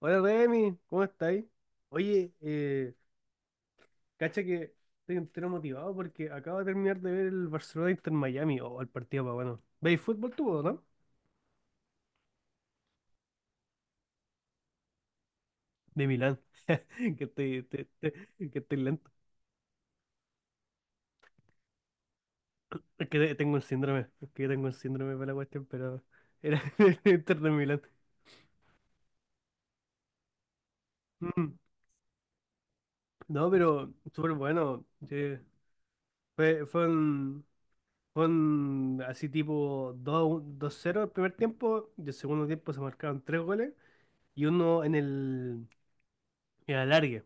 Hola Remy, ¿cómo estáis? Oye, cacha que estoy entero motivado porque acabo de terminar de ver el Barcelona Inter Miami o el partido para bueno. ¿Veis fútbol tú o no? De Milán, que estoy, te- te- que estoy lento. Es que tengo un síndrome para la cuestión, pero era el Inter de Milán. Mm. No, pero súper bueno, sí. Fue, fue un, fue un así tipo 2-1, 2-0 el primer tiempo, y el segundo tiempo se marcaron tres goles, y uno en el alargue.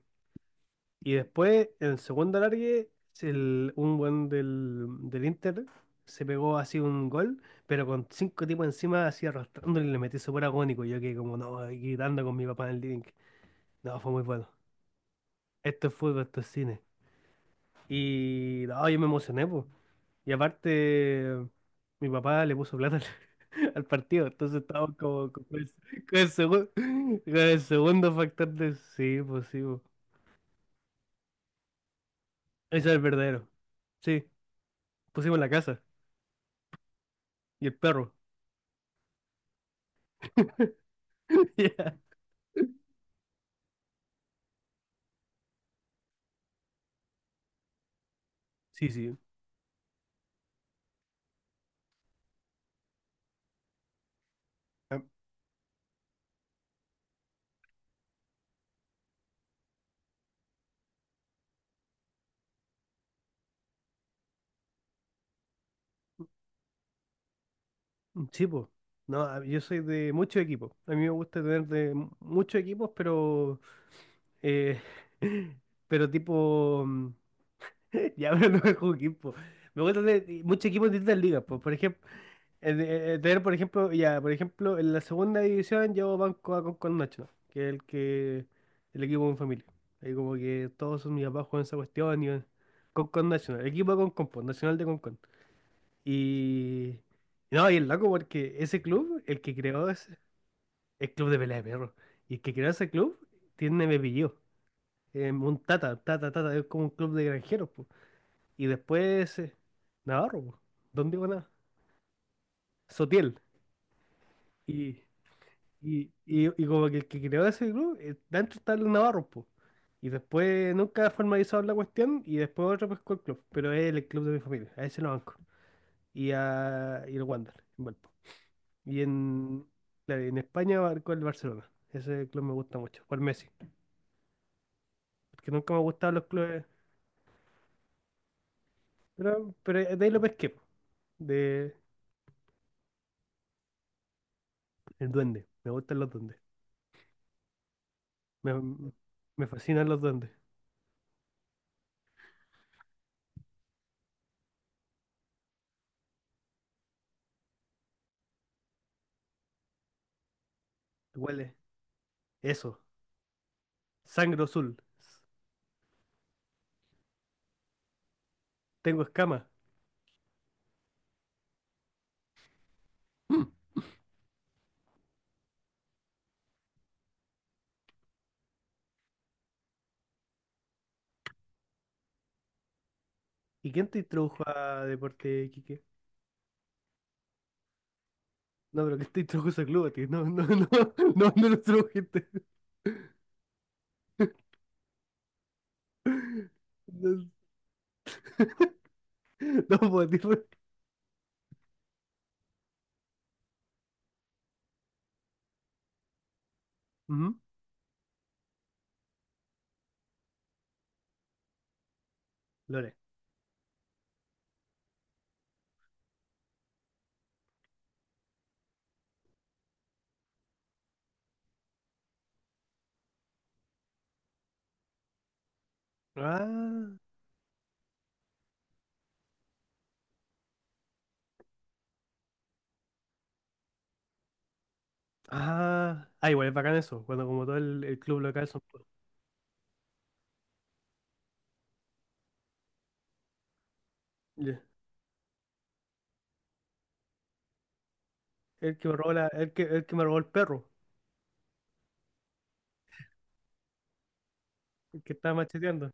Y después, en el segundo alargue, un buen del Inter se pegó así un gol, pero con cinco tipos encima, así arrastrándole, y le metí súper agónico. Yo que como, no, aquí gritando con mi papá en el living. No, fue muy bueno. Esto es fútbol, esto es cine. Y no, yo me emocioné, pues. Y aparte, mi papá le puso plata al, al partido, entonces estábamos como con el segun- con el segundo factor de sí, pues sí, pues. Ese es el verdadero. Sí, pusimos la casa y el perro. Ya. Sí, sí. Ah. Sí, po. No, yo soy de muchos equipos. A mí me gusta tener de muchos equipos, pero eh, pero tipo ya, pero no es un equipo. Me gusta de muchos equipos de distintas ligas. Pues, por ejemplo, tener, por ejemplo, ya, por ejemplo, en la segunda división yo banco a con Nacho, que es el que el equipo de mi familia. Ahí como que todos mis papás juegan esa cuestión y Concon National, el equipo de Concon, pues, Nacional de Concon. Y no, y el loco porque ese club, el que creó ese, el club de pelea de perro. Y el que creó ese club tiene mi apellido. Un tata, tata, tata, es como un club de granjeros, pues. Y después Navarro, po. ¿Dónde iba Navarro? Sotiel. Y, y como que el que creó ese club, dentro está el Navarro, po. Y después nunca formalizaron la cuestión, y después otro pescó el club, pero es el club de mi familia, a ese lo banco. Y el Wander, en Valpo. Y en, claro, y en España con el Barcelona. Ese club me gusta mucho, por Messi, porque nunca me han gustado los clubes, pero de ahí lo pesqué, po, de el duende, me gustan los duendes, me, me fascinan los duendes. Huele. Eso. Sangre azul. Tengo escamas. Mm. ¿Y quién te introdujo a deporte, Quique? No, pero ¿quién te introdujo a club a ti? No, no, no. No, no lo introdujiste. No, no podés. Ujú. Lore. Ah. Ah. Ah, igual es bacán eso, cuando como todo el club local son puros. Ya. El que me robó el que me robó el perro. El que estaba macheteando.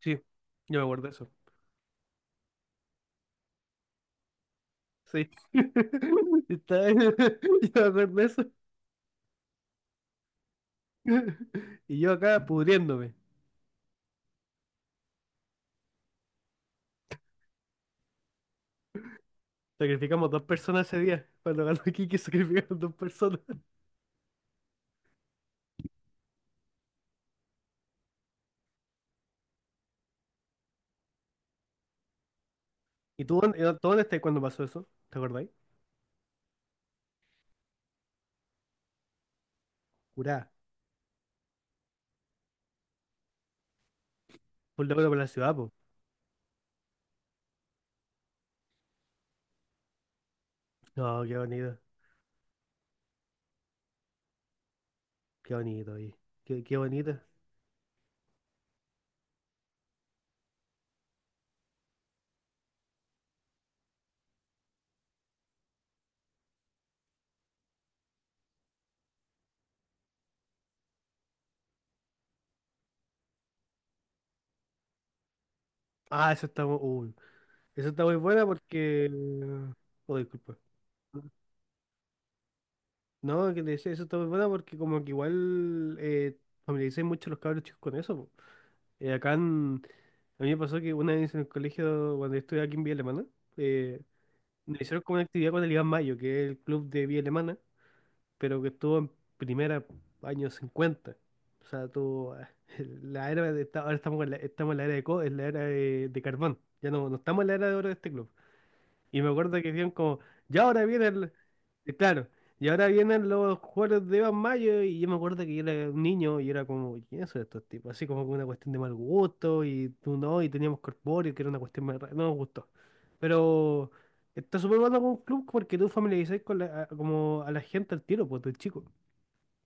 Sí. Yo me acuerdo de eso. Sí. Yo me acuerdo de eso. Y yo acá pudriéndome. Sacrificamos dos personas ese día. Cuando ganó Kiki, sacrificaron dos personas. ¿Y tú, tú dónde estás cuando pasó eso? ¿Te acordáis? Curá. Full de acuerdo por la ciudad, po. No, qué bonito. Qué bonito, oye. Qué, qué bonito. Ah, eso está muy. uy, eso está muy buena porque. Oh, disculpa. No, que te decía, eso está muy buena porque, como que igual familiaricé mucho los cabros chicos con eso, po. Eh, acá en- A mí me pasó que una vez en el colegio, cuando estuve aquí en Villa Alemana, eh, lo hicieron como una actividad con el Iván Mayo, que es el club de vía alemana, pero que estuvo en primera años 50. O sea, tuvo ah, la era de ahora estamos en la era es la era de carbón. Ya no, no estamos en la era de oro de este club. Y me acuerdo que decían como, ya ahora viene el... Y claro, y ahora vienen los juegos de Iván Mayo, y yo me acuerdo que yo era un niño y era como, ¿quiénes son estos tipos? Así como que una cuestión de mal gusto, y tú no, y teníamos corpóreo, que era una cuestión más rara, no nos gustó. Pero está súper bueno con un club porque tú familiarizas con como a la gente al tiro, pues, de chico.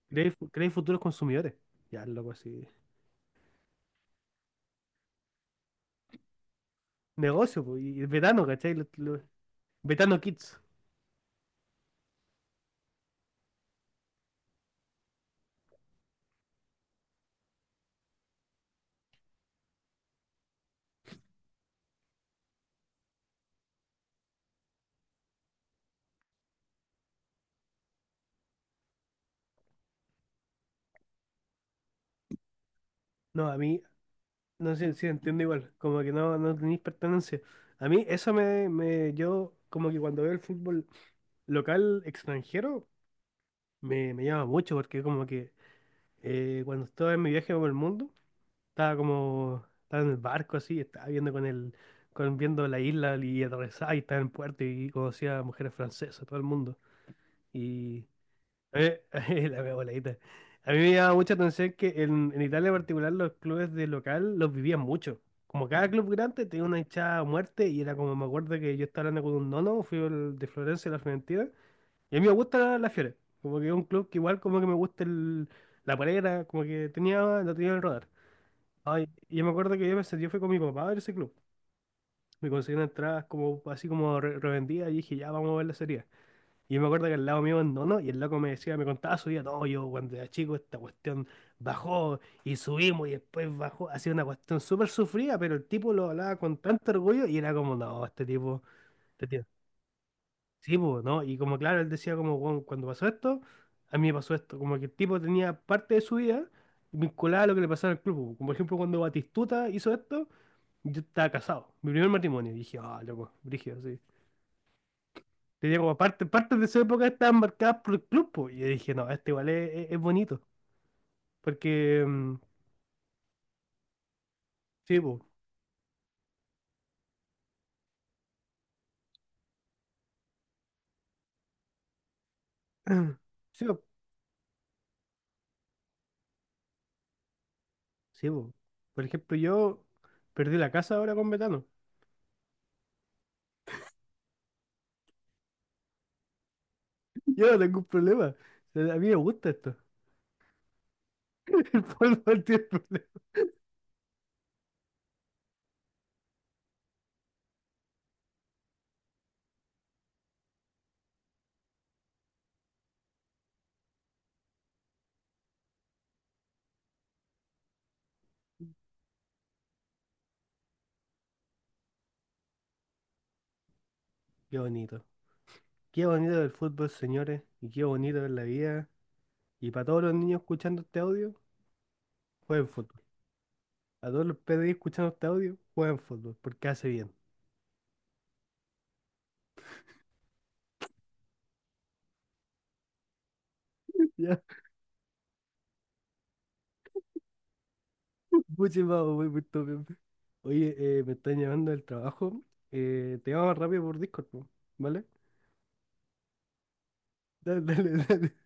Creáis futuros consumidores. Ya, loco, así. Negocio, pues, y el vetano, ¿cachai? Vetano Kids. No, a mí, no sé si entiendo igual, como que no, tenéis pertenencia. A mí eso yo como que cuando veo el fútbol local extranjero me, me llama mucho porque como que cuando estaba en mi viaje por el mundo, estaba en el barco así, estaba viendo con el, con viendo la isla, y atravesaba y estaba en puerto y conocía a mujeres francesas, todo el mundo. Y a mí- la wea voladita. A mí me llamaba mucha atención que en Italia en particular los clubes de local los vivían mucho. Como cada club grande tenía una hinchada a muerte, y era como me acuerdo que yo estaba hablando con un nono, fui al de Florencia, la Fiorentina, y a mí me gusta la Fiore. Como que es un club que igual como que me gusta el, la polera, como que tenía, lo tenía en el radar. Ay, y yo me acuerdo que yo, yo fui con mi papá a ver ese club. Me conseguí una entrada como, así como revendida, y dije, ya vamos a ver la serie. Y yo me acuerdo que al lado mío abandonó, y el loco me decía, me contaba su vida, no, yo cuando era chico esta cuestión bajó y subimos y después bajó, hacía una cuestión súper sufrida, pero el tipo lo hablaba con tanto orgullo, y era como, no, este tipo, sí, pues, ¿no? Y como claro, él decía como, "Bueno, cuando pasó esto, a mí me pasó esto", como que el tipo tenía parte de su vida vinculada a lo que le pasaba al club, como por ejemplo cuando Batistuta hizo esto, yo estaba casado, mi primer matrimonio, y dije, ah, loco, brígido, sí. Te digo, aparte, partes de su época estaban marcadas por el club, po. Y yo dije, no, este igual es bonito. Porque, sí, po. Sí, po. Sí, po. Por ejemplo, yo perdí la casa ahora con metano. Yo no tengo un problema. O sea, a mí me gusta esto. El fútbol no tiene problema. Qué bonito. Qué bonito el fútbol, señores. Y qué bonito es la vida. Y para todos los niños escuchando este audio, jueguen fútbol. A todos los PDI escuchando este audio, jueguen fútbol. Porque hace bien. Ya, muchísimas gracias. Oye, me están llamando del trabajo. Te llamo más rápido por Discord, po, ¿vale? Dale, dale, dale.